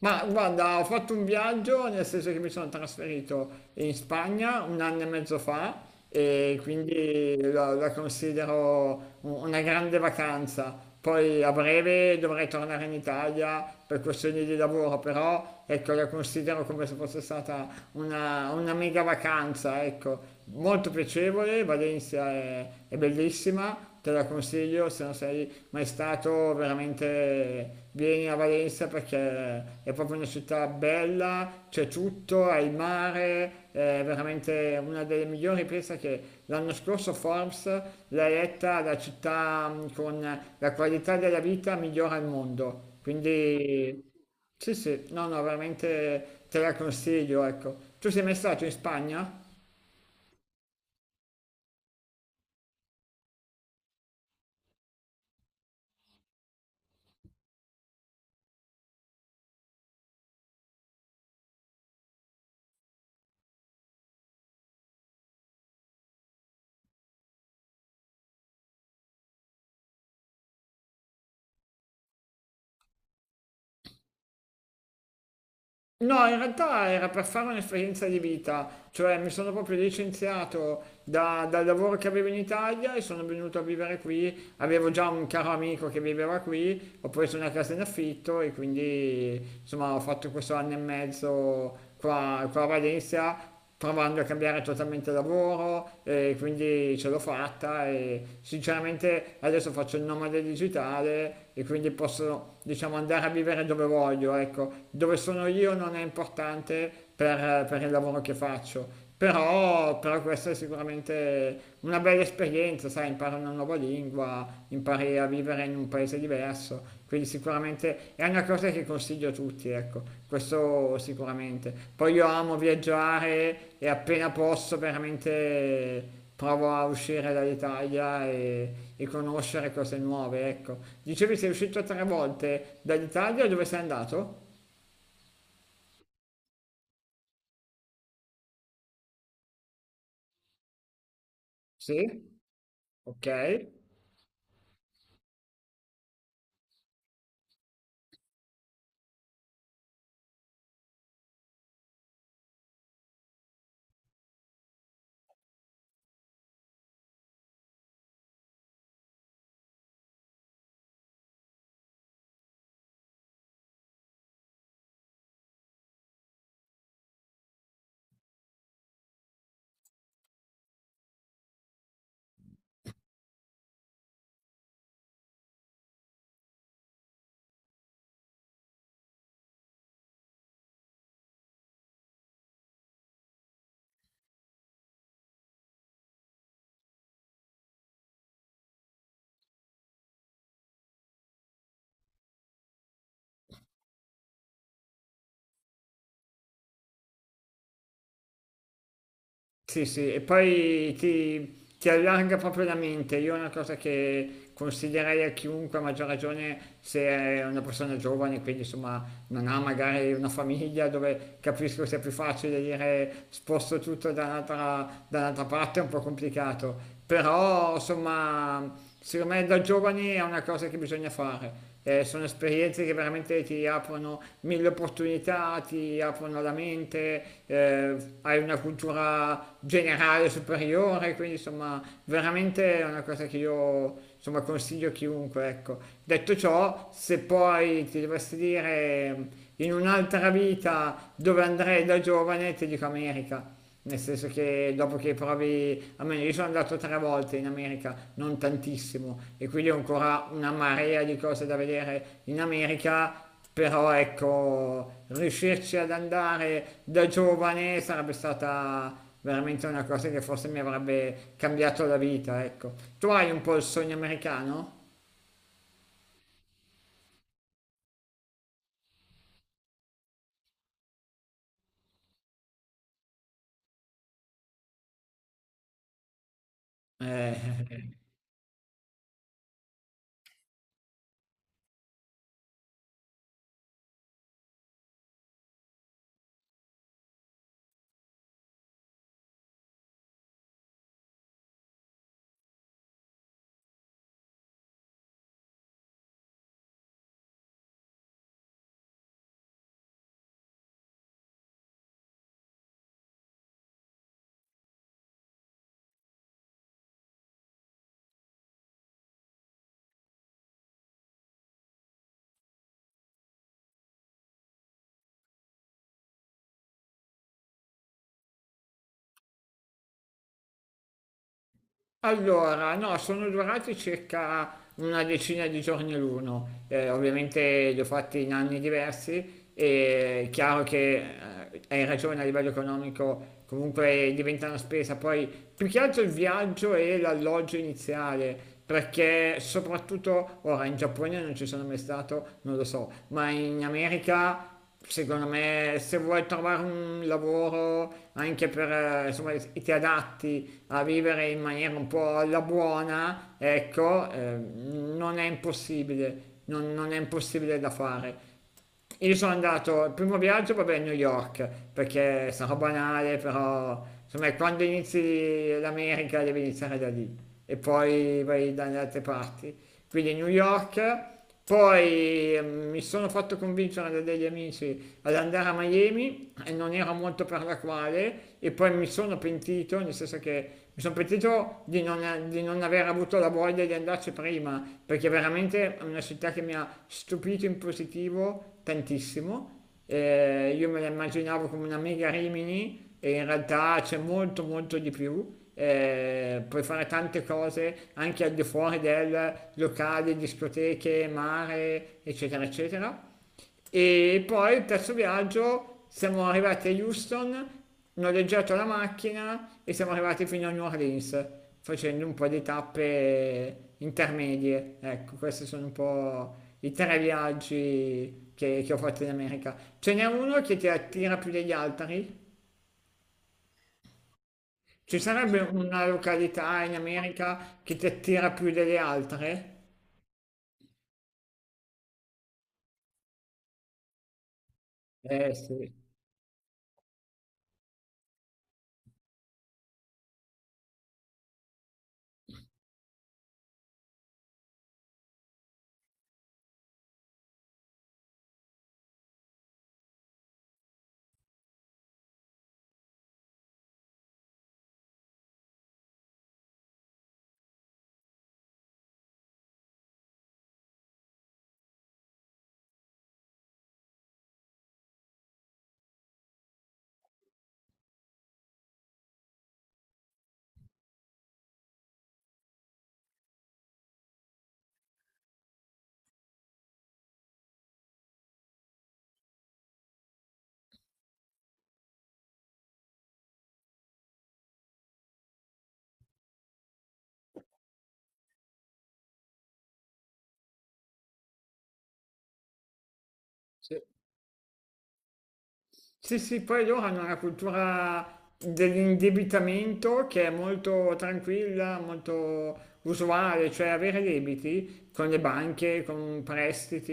Ma guarda, ho fatto un viaggio, nel senso che mi sono trasferito in Spagna un anno e mezzo fa e quindi la considero una grande vacanza. Poi a breve dovrei tornare in Italia per questioni di lavoro, però ecco, la considero come se fosse stata una mega vacanza, ecco, molto piacevole. Valencia è bellissima, te la consiglio, se non sei mai stato veramente vieni a Valencia perché è proprio una città bella, c'è tutto, hai il mare, è veramente una delle migliori. Pensa che l'anno scorso Forbes l'ha eletta la città con la qualità della vita migliore al mondo. Quindi sì, sì, no, no, veramente te la consiglio, ecco. Tu sei mai stato in Spagna? No, in realtà era per fare un'esperienza di vita, cioè mi sono proprio licenziato dal lavoro che avevo in Italia e sono venuto a vivere qui. Avevo già un caro amico che viveva qui, ho preso una casa in affitto e quindi insomma ho fatto questo anno e mezzo qua, qua a Valencia, provando a cambiare totalmente lavoro e quindi ce l'ho fatta, e sinceramente adesso faccio il nomade digitale e quindi posso diciamo andare a vivere dove voglio, ecco, dove sono io non è importante per il lavoro che faccio. Però, però questa è sicuramente una bella esperienza, sai, impari una nuova lingua, impari a vivere in un paese diverso, quindi sicuramente è una cosa che consiglio a tutti, ecco, questo sicuramente. Poi io amo viaggiare e appena posso veramente provo a uscire dall'Italia e conoscere cose nuove, ecco. Dicevi sei uscito tre volte dall'Italia, dove sei andato? Sì? Ok. Sì, sì, e poi ti allarga proprio la mente. Io è una cosa che consiglierei a chiunque, a maggior ragione se è una persona giovane, quindi insomma non ha magari una famiglia, dove capisco sia più facile dire sposto tutto da un'altra parte, è un po' complicato. Però insomma secondo me da giovani è una cosa che bisogna fare. Sono esperienze che veramente ti aprono mille opportunità, ti aprono la mente, hai una cultura generale superiore, quindi insomma veramente è una cosa che io, insomma, consiglio a chiunque, ecco. Detto ciò, se poi ti dovessi dire in un'altra vita dove andrei da giovane, ti dico America, nel senso che dopo che provi, almeno io sono andato tre volte in America, non tantissimo, e quindi ho ancora una marea di cose da vedere in America, però ecco, riuscirci ad andare da giovane sarebbe stata veramente una cosa che forse mi avrebbe cambiato la vita, ecco. Tu hai un po' il sogno americano? Eh, Allora, no, sono durati circa una decina di giorni l'uno. Ovviamente li ho fatti in anni diversi e è chiaro che, hai ragione, a livello economico comunque diventa una spesa, poi più che altro il viaggio e l'alloggio iniziale, perché soprattutto ora, in Giappone non ci sono mai stato, non lo so, ma in America, secondo me, se vuoi trovare un lavoro anche per, insomma, che ti adatti a vivere in maniera un po' alla buona, ecco, non è impossibile, non è impossibile da fare. Io sono andato, il primo viaggio, vabbè, a New York, perché sarà banale, però, insomma, quando inizi l'America devi iniziare da lì e poi vai dalle altre parti, quindi New York. Poi mi sono fatto convincere da degli amici ad andare a Miami e non era molto per la quale, e poi mi sono pentito, nel senso che mi sono pentito di non aver avuto la voglia di andarci prima, perché veramente è una città che mi ha stupito in positivo tantissimo. Eh, io me la immaginavo come una mega Rimini e in realtà c'è molto molto di più. Puoi fare tante cose anche al di fuori del locale, discoteche, mare, eccetera, eccetera. E poi il terzo viaggio, siamo arrivati a Houston, ho noleggiato la macchina e siamo arrivati fino a New Orleans facendo un po' di tappe intermedie. Ecco, questi sono un po' i tre viaggi che ho fatto in America. Ce n'è uno che ti attira più degli altri? Ci sarebbe una località in America che ti attira più delle altre? Eh sì, sì. Sì, sì, poi loro hanno una cultura dell'indebitamento che è molto tranquilla, molto usuale, cioè avere debiti con le banche, con prestiti,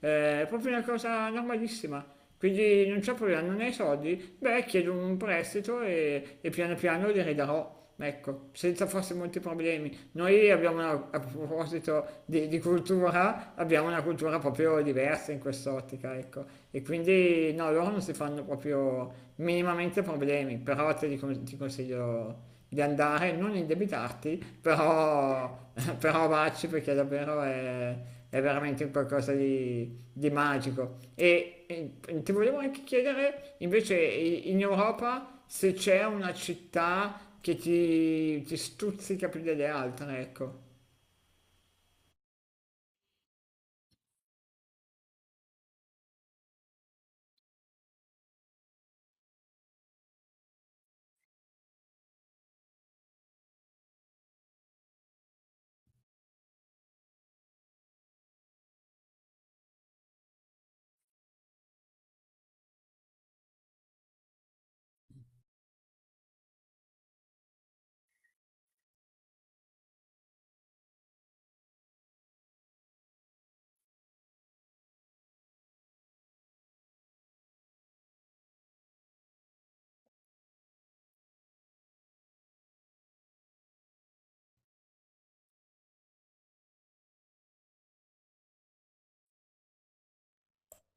è proprio una cosa normalissima. Quindi non c'è problema, non hai soldi? Beh, chiedo un prestito e piano piano li ridarò. Ecco, senza forse molti problemi. Noi abbiamo, a proposito di cultura, abbiamo una cultura proprio diversa in quest'ottica, ecco. E quindi no, loro non si fanno proprio minimamente problemi, però te li ti consiglio di andare, non indebitarti, però, però vacci perché davvero è veramente un qualcosa di magico. E ti volevo anche chiedere invece in Europa se c'è una città che ti stuzzica più delle altre, ecco.